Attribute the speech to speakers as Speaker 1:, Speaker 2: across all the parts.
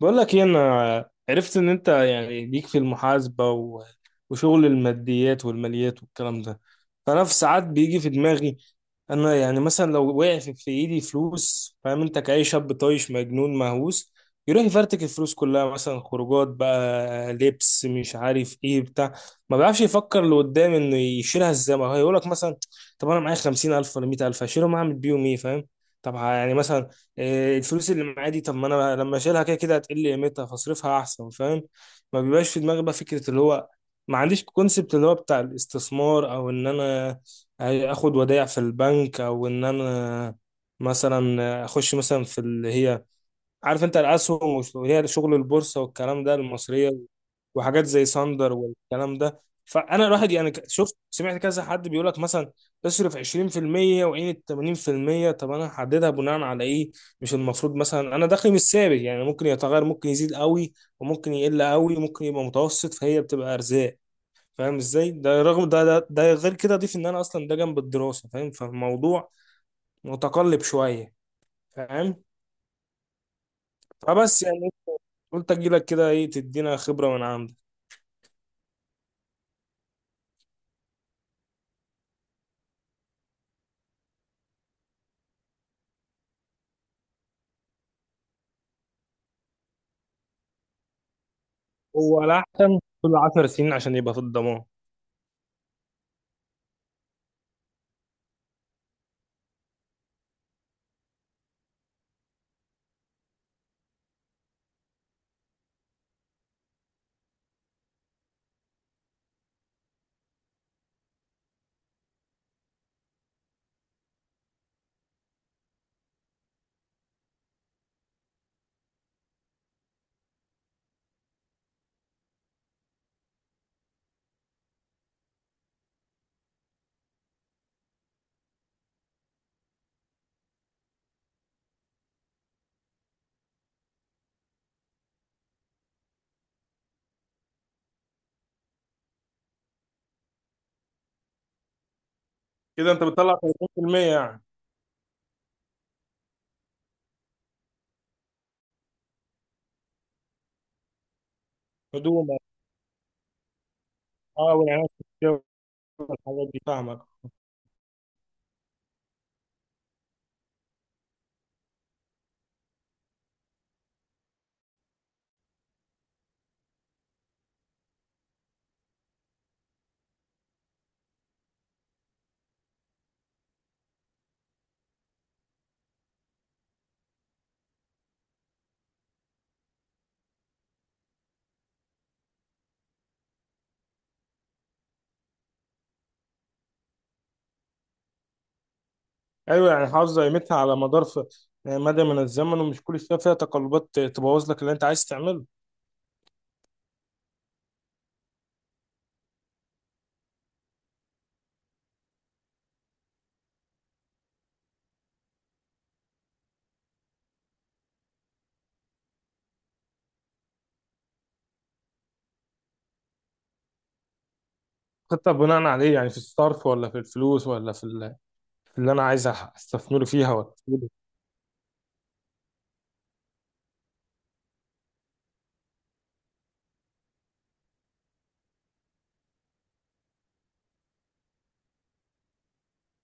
Speaker 1: بقول لك ايه؟ انا عرفت ان انت يعني ليك في المحاسبه وشغل الماديات والماليات والكلام ده. فانا في ساعات بيجي في دماغي، انا يعني مثلا لو وقع في ايدي فلوس، فاهم؟ انت كأي شاب طايش مجنون مهووس يروح يفرتك الفلوس كلها، مثلا خروجات بقى، لبس، مش عارف ايه بتاع. ما بيعرفش يفكر لقدام انه يشيلها ازاي. ما هو يقول لك مثلا طب انا معايا 50,000 ولا 100,000 هشيلهم، اعمل بيهم ايه؟ فاهم؟ طب يعني مثلا إيه، الفلوس اللي معايا دي، طب ما انا لما اشيلها كده كده هتقل قيمتها، فاصرفها احسن. فاهم؟ ما بيبقاش في دماغي بقى فكره اللي هو، ما عنديش كونسبت اللي هو بتاع الاستثمار، او ان انا اخد ودائع في البنك، او ان انا مثلا اخش مثلا في اللي هي، عارف انت، الاسهم واللي هي شغل البورصه والكلام ده، المصريه، وحاجات زي ساندر والكلام ده. فانا الواحد يعني شفت سمعت كذا حد بيقول لك مثلا تصرف 20% وعين 80%. طب انا هحددها بناء على ايه؟ مش المفروض مثلا، انا دخلي مش ثابت يعني، ممكن يتغير، ممكن يزيد قوي، وممكن يقل قوي، ممكن يبقى متوسط، فهي بتبقى ارزاق. فاهم ازاي؟ ده رغم ده، غير كده اضيف ان انا اصلا ده جنب الدراسه. فاهم؟ فالموضوع متقلب شويه. فاهم؟ فبس يعني قلت اجيلك كده، ايه، تدينا خبرة من عندك. هو الأحسن كل 10 سنين عشان يبقى في الضمان. كده انت بتطلع 30% يعني؟ هدوم، اه، والعناية الصحية والحاجات دي، فاهمك. ايوه، يعني حافظة قيمتها على مدار يعني مدى من الزمن، ومش كل شوية فيها تقلبات تبوظ لك اللي انت عايز تعمله. خطة بناء عليه يعني، في الصرف، ولا في الفلوس، ولا في اللي انا عايز استثمره فيها، ولا؟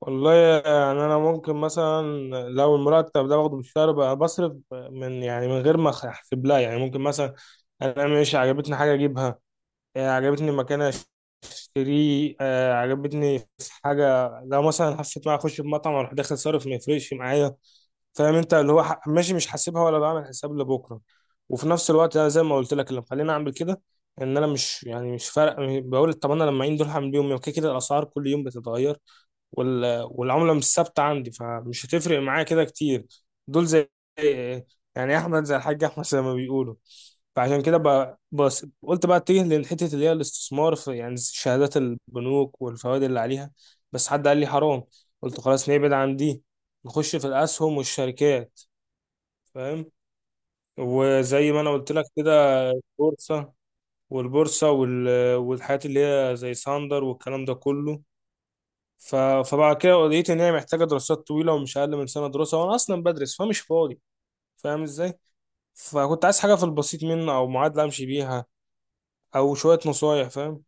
Speaker 1: والله يعني انا ممكن مثلا، لو المرتب ده باخده بالشهر بقى بصرف من يعني من غير ما احسب لها، يعني ممكن مثلا انا مش عجبتني حاجه اجيبها، آه، عجبتني مكان اشتريه، آه، عجبتني في حاجه، لو مثلا حسيت بقى اخش بمطعم اروح، داخل صارف، ما يفرقش معايا. فاهم انت؟ اللي هو ماشي، مش حاسبها ولا بعمل حساب لبكره. وفي نفس الوقت أنا زي ما قلت لك، اللي مخليني اعمل كده ان انا مش يعني مش فارق. بقول طب انا لما اعين دول هعمل بيهم إيه؟ وكده كده الاسعار كل يوم بتتغير، والعملة مش ثابتة عندي، فمش هتفرق معايا كده كتير. دول زي يعني أحمد، زي الحاج أحمد زي ما بيقولوا. فعشان كده بس قلت بقى اتجه للحتة اللي هي الاستثمار في يعني شهادات البنوك والفوائد اللي عليها. بس حد قال لي حرام، قلت خلاص نبعد عن دي، نخش في الأسهم والشركات. فاهم؟ وزي ما أنا قلت لك كده، البورصة، والبورصة والحاجات اللي هي زي ساندر والكلام ده كله. ف... فبعد كده لقيت ان هي محتاجه دراسات طويله ومش اقل من سنه دراسه، وانا اصلا بدرس فمش فاضي. فاهم ازاي؟ فكنت عايز حاجه في البسيط منه او معادله امشي بيها، او شويه نصايح. فاهم؟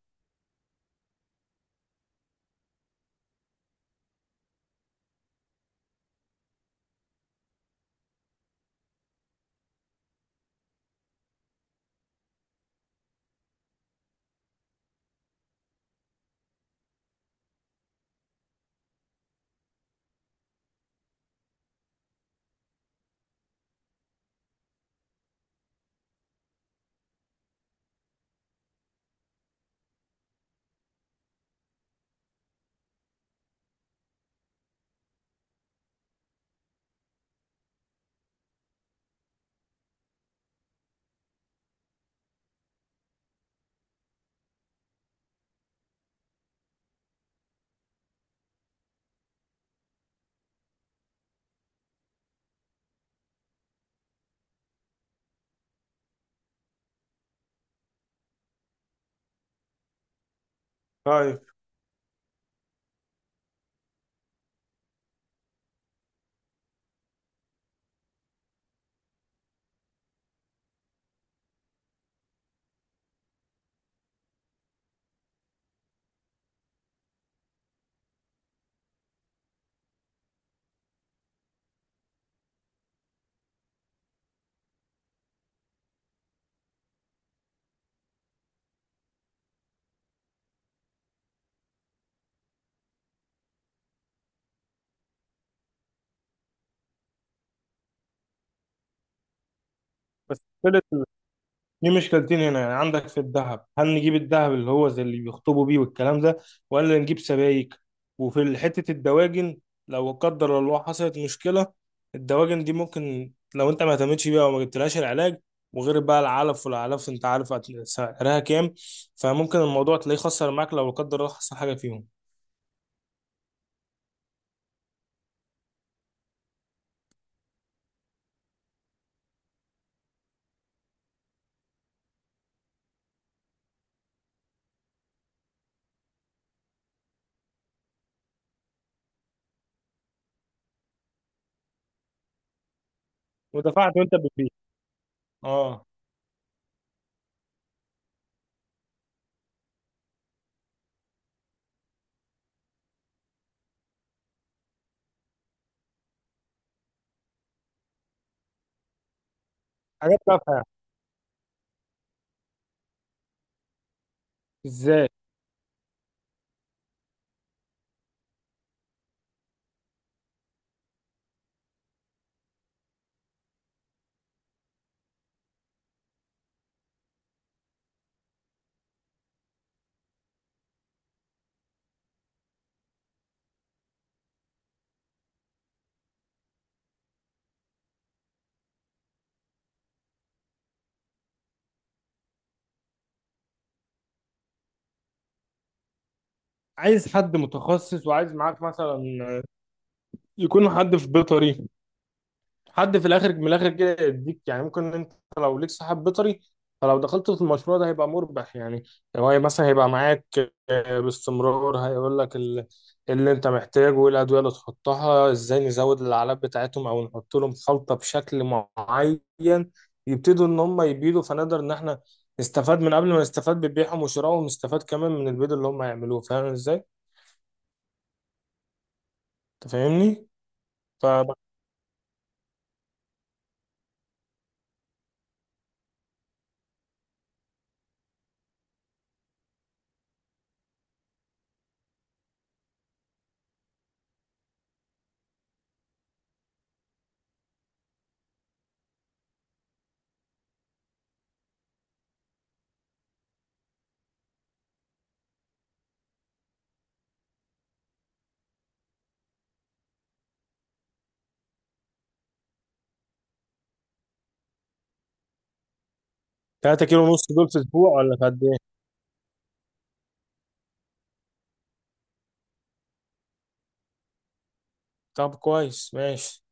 Speaker 1: طيب. بس مشكلة، دي مشكلتين هنا يعني. عندك في الذهب، هل نجيب الذهب اللي هو زي اللي بيخطبوا بيه والكلام ده، ولا نجيب سبائك؟ وفي حتة الدواجن، لو قدر الله حصلت مشكلة، الدواجن دي ممكن لو انت ما اهتمتش بيها وما جبتلهاش العلاج، وغير بقى العلف، والعلف انت عارف سعرها كام. فممكن الموضوع تلاقيه خسر معاك لو لا قدر الله حصل حاجة فيهم. ودفعت وانت بتبيع. اه. حاجات تافهة. ازاي؟ عايز حد متخصص، وعايز معاك مثلا يكون حد في بيطري، حد في الاخر من الاخر كده يديك يعني. ممكن انت لو ليك صاحب بيطري، فلو دخلت في المشروع ده هيبقى مربح يعني. هو مثلا هيبقى معاك آه، باستمرار، هيقول لك اللي انت محتاجه، وايه الادويه اللي تحطها، ازاي نزود العلب بتاعتهم، او نحط لهم خلطه بشكل معين. يبتدوا ان هم يبيدوا فنقدر ان احنا نستفاد من قبل ما نستفاد ببيعهم وشرائهم، ونستفاد كمان من البيض اللي هم هيعملوه. فاهم ازاي؟ انت فاهمني؟ ف 3 كيلو ونص دول في اسبوع ولا في قد ايه؟ طب كويس، ماشي.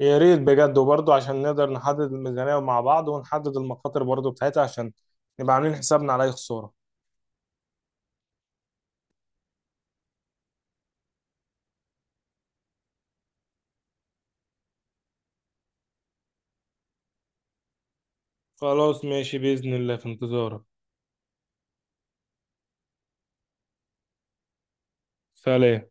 Speaker 1: يا ريت بجد، وبرضه عشان نقدر نحدد الميزانية مع بعض، ونحدد المخاطر برضه بتاعتها، عشان نبقى عاملين حسابنا على أي خسارة. خلاص، ماشي بإذن الله، في انتظارك. سلام.